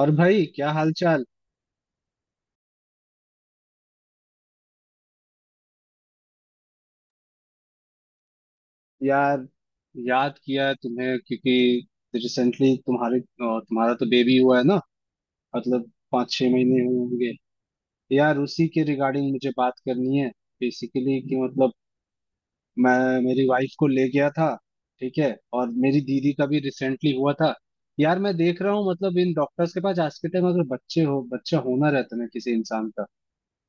और भाई क्या हाल चाल। यार याद किया तुम्हें क्योंकि रिसेंटली तुम्हारा तो बेबी हुआ है ना। मतलब पाँच छह महीने हुए होंगे। यार उसी के रिगार्डिंग मुझे बात करनी है, बेसिकली कि मतलब मैं मेरी वाइफ को ले गया था, ठीक है, और मेरी दीदी का भी रिसेंटली हुआ था। यार मैं देख रहा हूँ, मतलब इन डॉक्टर्स के पास आज के टाइम अगर बच्चे हो बच्चा होना रहता है ना किसी इंसान का,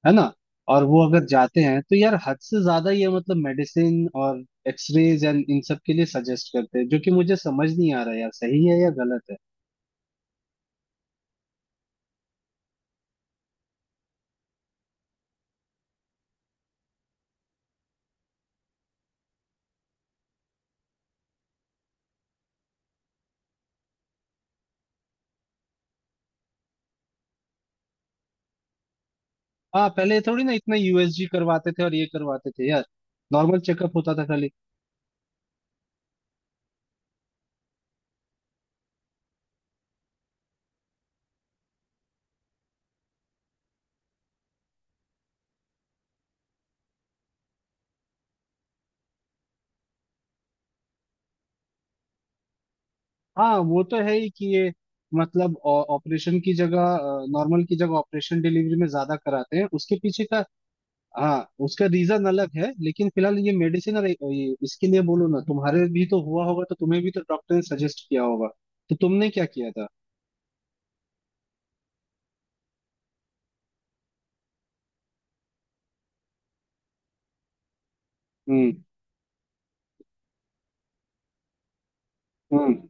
है ना, और वो अगर जाते हैं तो यार हद से ज्यादा ये मतलब मेडिसिन और एक्सरेज एंड इन सब के लिए सजेस्ट करते हैं, जो कि मुझे समझ नहीं आ रहा यार सही है या गलत है। हाँ पहले थोड़ी ना इतना यूएसजी करवाते थे और ये करवाते थे यार, नॉर्मल चेकअप होता था खाली। हाँ वो तो है ही कि ये मतलब ऑपरेशन की जगह नॉर्मल की जगह ऑपरेशन डिलीवरी में ज्यादा कराते हैं, उसके पीछे का हाँ उसका रीजन अलग है, लेकिन फिलहाल ये मेडिसिन और ये इसके लिए बोलो ना, तुम्हारे भी तो हुआ होगा तो तुम्हें भी तो डॉक्टर ने सजेस्ट किया होगा, तो तुमने क्या किया था? हम्म। हम्म।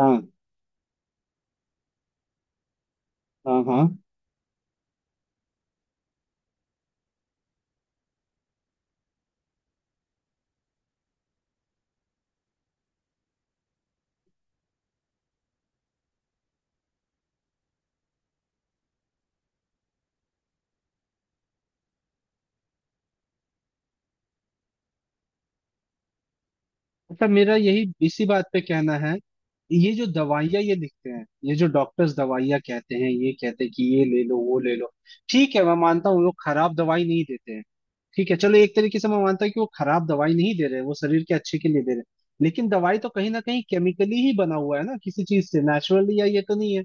हाँ हाँ हाँ। अच्छा मेरा यही इसी बात पे कहना है, ये जो दवाइयाँ ये लिखते हैं, ये जो डॉक्टर्स दवाइयाँ कहते हैं, ये कहते हैं कि ये ले लो वो ले लो। ठीक है मैं मानता हूँ वो खराब दवाई नहीं देते हैं। ठीक है चलो एक तरीके से मैं मानता हूँ कि वो खराब दवाई नहीं दे रहे, वो शरीर के अच्छे के लिए दे रहे। लेकिन दवाई तो कहीं ना कहीं केमिकली ही बना हुआ है ना, किसी चीज से नेचुरली या ये तो नहीं है।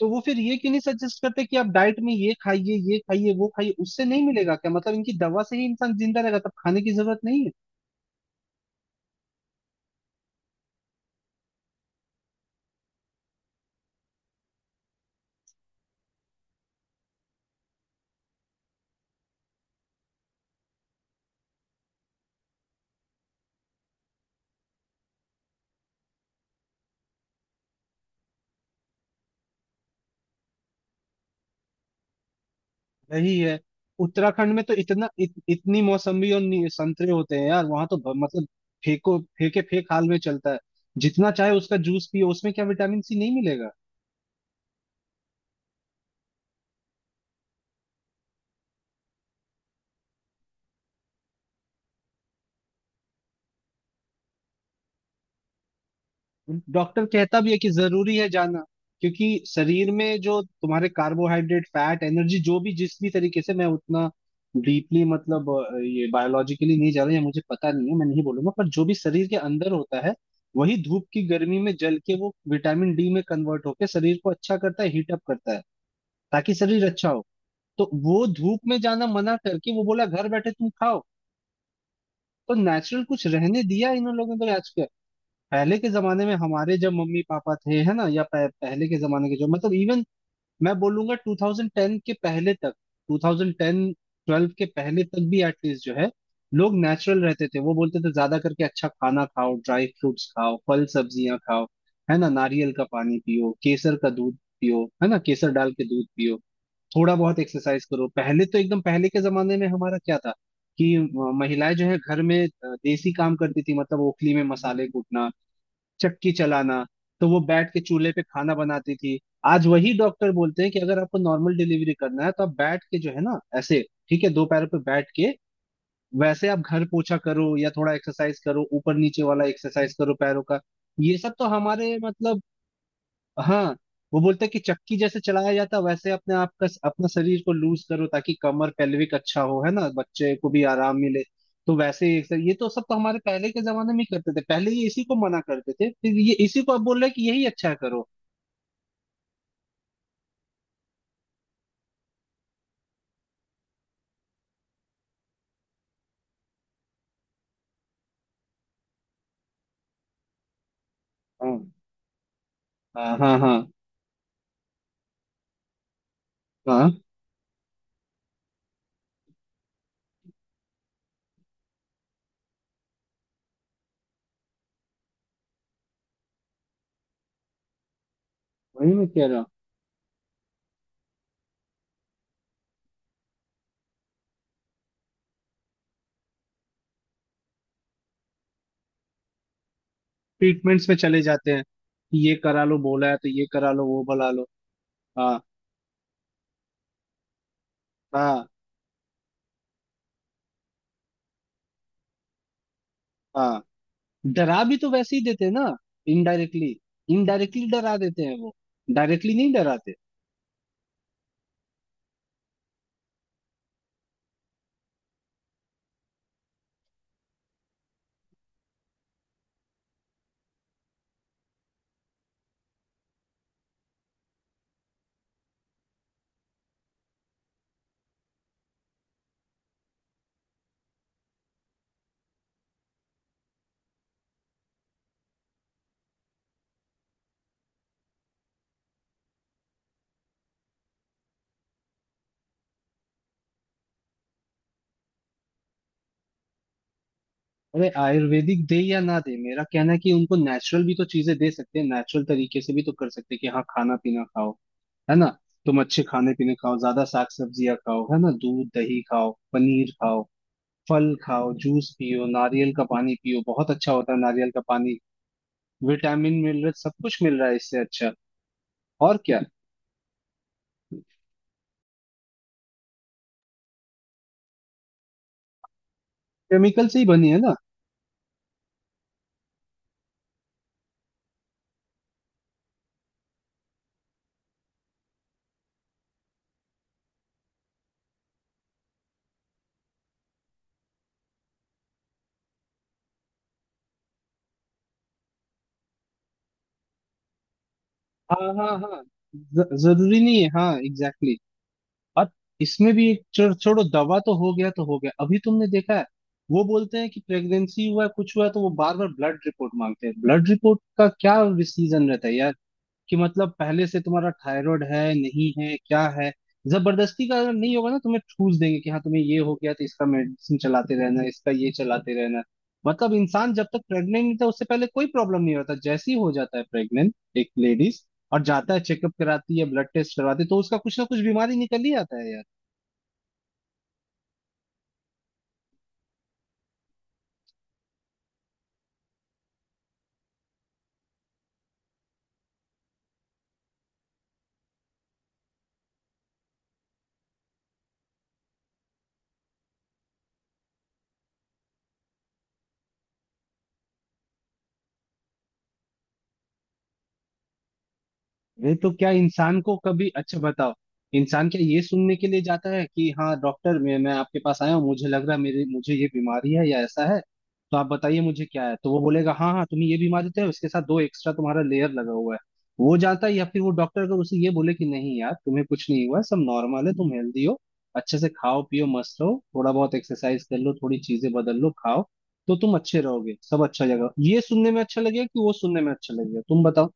तो वो फिर ये क्यों नहीं सजेस्ट करते कि आप डाइट में ये खाइए वो खाइए, उससे नहीं मिलेगा क्या? मतलब इनकी दवा से ही इंसान जिंदा रहेगा, तब खाने की जरूरत नहीं है। वही है। उत्तराखंड में तो इतनी मौसम्बी और संतरे होते हैं यार, वहां तो मतलब फेंको फेंके फेंक हाल में चलता है। जितना चाहे उसका जूस पियो, उसमें क्या विटामिन सी नहीं मिलेगा? डॉक्टर कहता भी है कि जरूरी है जाना, क्योंकि शरीर में जो तुम्हारे कार्बोहाइड्रेट फैट एनर्जी जो भी जिस भी तरीके से मैं उतना डीपली ये बायोलॉजिकली नहीं जा रहा या मुझे पता नहीं है, मैं नहीं बोलूंगा, पर जो भी शरीर के अंदर होता है वही धूप की गर्मी में जल के वो विटामिन डी में कन्वर्ट होकर शरीर को अच्छा करता है, हीट अप करता है, ताकि शरीर अच्छा हो। तो वो धूप में जाना मना करके वो बोला घर बैठे तुम खाओ। तो नेचुरल कुछ रहने दिया इन लोगों को आज? पहले के जमाने में हमारे जब मम्मी पापा थे, है ना, या पहले के जमाने के जो मतलब इवन मैं बोलूंगा 2010 के पहले तक, 2010 12 के पहले तक भी एटलीस्ट जो है लोग नेचुरल रहते थे। वो बोलते थे ज्यादा करके अच्छा खाना खाओ, ड्राई फ्रूट्स खाओ, फल सब्जियां खाओ, है ना, नारियल का पानी पियो, केसर का दूध पियो, है ना, केसर डाल के दूध पियो, थोड़ा बहुत एक्सरसाइज करो। पहले तो एकदम पहले के जमाने में हमारा क्या था कि महिलाएं जो है घर में देसी काम करती थी, मतलब ओखली में मसाले कूटना, चक्की चलाना, तो वो बैठ के चूल्हे पे खाना बनाती थी। आज वही डॉक्टर बोलते हैं कि अगर आपको नॉर्मल डिलीवरी करना है तो आप बैठ के जो है ना ऐसे, ठीक है, दो पैरों पे बैठ के, वैसे आप घर पोछा करो या थोड़ा एक्सरसाइज करो, ऊपर नीचे वाला एक्सरसाइज करो पैरों का। ये सब तो हमारे मतलब, हाँ, वो बोलता है कि चक्की जैसे चलाया जाता है, वैसे अपने आप का अपना शरीर को लूज करो ताकि कमर पेल्विक अच्छा हो, है ना, बच्चे को भी आराम मिले। तो वैसे ही exercise- ये तो सब तो हमारे पहले के जमाने में ही करते थे। पहले ये इसी को मना करते थे, फिर ये इसी को अब बोल रहे हैं कि यही अच्छा करो। हाँ हाँ हाँ हाँ हाँ। वही मैं कह रहा हूँ। ट्रीटमेंट्स में चले जाते हैं कि ये करा लो, बोला है तो ये करा लो वो भला लो। हाँ हाँ हाँ। डरा भी तो वैसे ही देते हैं ना, इनडायरेक्टली। इनडायरेक्टली डरा देते हैं वो, डायरेक्टली नहीं डराते। अरे आयुर्वेदिक दे या ना दे, मेरा कहना है कि उनको नेचुरल भी तो चीजें दे सकते हैं, नेचुरल तरीके से भी तो कर सकते हैं कि हाँ खाना पीना खाओ, है ना, तुम अच्छे खाने पीने खाओ, ज्यादा साग सब्जियां खाओ, है ना, दूध दही खाओ, पनीर खाओ, फल खाओ, जूस पियो, नारियल का पानी पियो, बहुत अच्छा होता है नारियल का पानी। विटामिन मिल रहा सब कुछ मिल रहा है, इससे अच्छा और क्या? केमिकल से ही बनी है ना। हाँ हाँ हाँ। जरूरी नहीं है हाँ, एग्जैक्टली। और इसमें भी एक छोड़ो, दवा तो हो गया तो हो गया, अभी तुमने देखा है, वो बोलते हैं कि प्रेगनेंसी हुआ है कुछ हुआ है तो वो बार बार ब्लड रिपोर्ट मांगते हैं। ब्लड रिपोर्ट का क्या सीजन रहता है यार, कि मतलब पहले से तुम्हारा थायराइड है नहीं है क्या है। जबरदस्ती का अगर नहीं होगा ना तुम्हें ठूस देंगे कि हाँ तुम्हें ये हो गया, तो इसका मेडिसिन चलाते रहना इसका ये चलाते रहना। मतलब इंसान जब तक प्रेग्नेंट नहीं था उससे पहले कोई प्रॉब्लम नहीं होता, जैसे ही हो जाता है प्रेग्नेंट एक लेडीज और जाता है, चेकअप कराती है, ब्लड टेस्ट करवाती है, तो उसका कुछ ना कुछ बीमारी निकल ही आता है यार। अरे तो क्या इंसान को कभी अच्छा बताओ, इंसान क्या ये सुनने के लिए जाता है कि हाँ डॉक्टर मैं आपके पास आया हूँ, मुझे लग रहा है मेरे मुझे ये बीमारी है या ऐसा है, तो आप बताइए मुझे क्या है, तो वो बोलेगा हाँ हाँ तुम्हें ये बीमारी तो है उसके साथ दो एक्स्ट्रा तुम्हारा लेयर लगा हुआ है, वो जाता है। या फिर वो डॉक्टर अगर उसे ये बोले कि नहीं यार तुम्हें कुछ नहीं हुआ है, सब नॉर्मल है, तुम हेल्दी हो, अच्छे से खाओ पियो मस्त रहो, थोड़ा बहुत एक्सरसाइज कर लो, थोड़ी चीजें बदल लो खाओ, तो तुम अच्छे रहोगे सब अच्छा लगेगा। ये सुनने में अच्छा लगेगा कि वो सुनने में अच्छा लगेगा, तुम बताओ।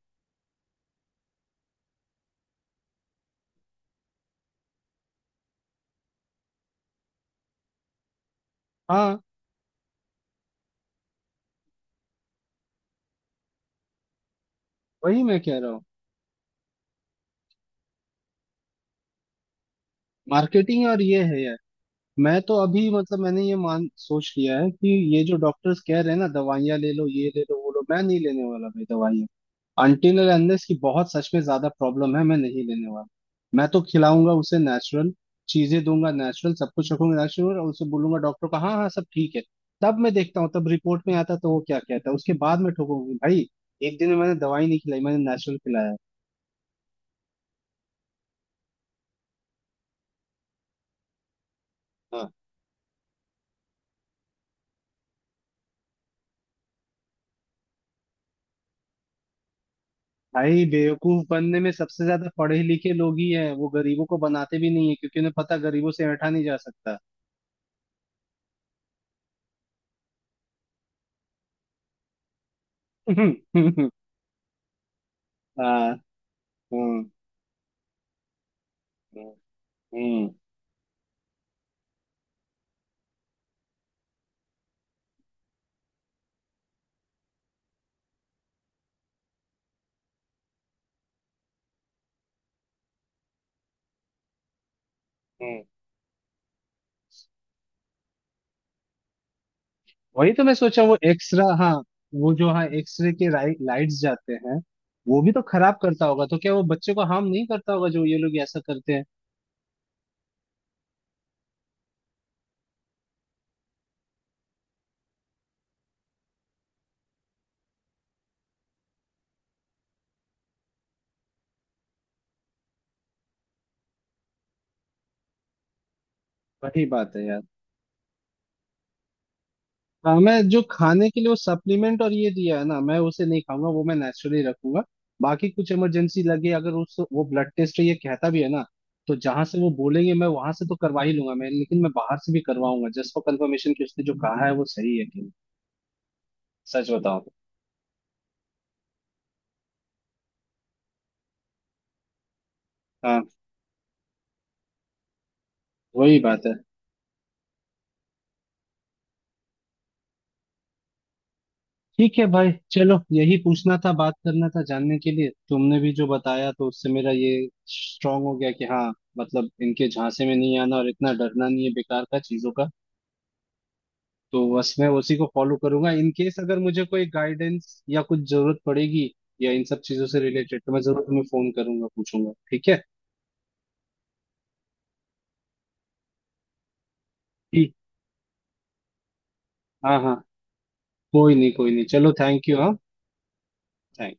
हाँ, वही मैं कह रहा हूँ। मार्केटिंग और ये है यार। मैं तो अभी मतलब मैंने ये मान सोच लिया है कि ये जो डॉक्टर्स कह रहे हैं ना दवाइयाँ ले लो ये ले लो वो लो, मैं नहीं लेने वाला भाई दवाइयाँ, अनटिल और अनलेस की बहुत सच में ज्यादा प्रॉब्लम है, मैं नहीं लेने वाला। मैं तो खिलाऊंगा उसे नेचुरल चीजें दूंगा, नेचुरल सब कुछ रखूंगा नेचुरल, और उसे बोलूंगा डॉक्टर को हाँ हाँ सब ठीक है। तब मैं देखता हूँ तब रिपोर्ट में आता है, तो वो क्या कहता है, उसके बाद मैं ठोकूंगी भाई। एक दिन में मैंने दवाई नहीं खिलाई, मैंने नेचुरल खिलाया। भाई बेवकूफ बनने में सबसे ज्यादा पढ़े लिखे लोग ही हैं, वो गरीबों को बनाते भी नहीं है क्योंकि उन्हें पता गरीबों से ऐंठा नहीं जा सकता। हाँ। हम्म हम्म हम्म। हम्म। वही तो मैं सोचा वो एक्सरा हाँ, वो जो हाँ एक्सरे के लाइट्स जाते हैं वो भी तो खराब करता होगा, तो क्या वो बच्चे को हार्म नहीं करता होगा जो ये लोग ऐसा करते हैं? वही बात है यार। हाँ मैं जो खाने के लिए वो सप्लीमेंट और ये दिया है ना, मैं उसे नहीं खाऊंगा, वो मैं नेचुरली रखूंगा। बाकी कुछ इमरजेंसी लगे अगर उस वो ब्लड टेस्ट ये कहता भी है ना, तो जहां से वो बोलेंगे मैं वहां से तो करवा ही लूंगा, मैं लेकिन मैं बाहर से भी करवाऊंगा जस्ट फॉर कंफर्मेशन कि उसने जो कहा है वो सही है कि नहीं। सच बताओ तो। हाँ वही बात है। ठीक है भाई चलो, यही पूछना था बात करना था जानने के लिए, तुमने भी जो बताया तो उससे मेरा ये स्ट्रांग हो गया कि हाँ, मतलब इनके झांसे में नहीं आना, और इतना डरना नहीं है बेकार का चीजों का। तो बस मैं उसी को फॉलो करूंगा, इन केस अगर मुझे कोई गाइडेंस या कुछ जरूरत पड़ेगी या इन सब चीजों से रिलेटेड, तो मैं जरूर तुम्हें फोन करूंगा पूछूंगा, ठीक है? ठीक। हाँ हाँ। कोई नहीं चलो, थैंक यू। हाँ थैंक।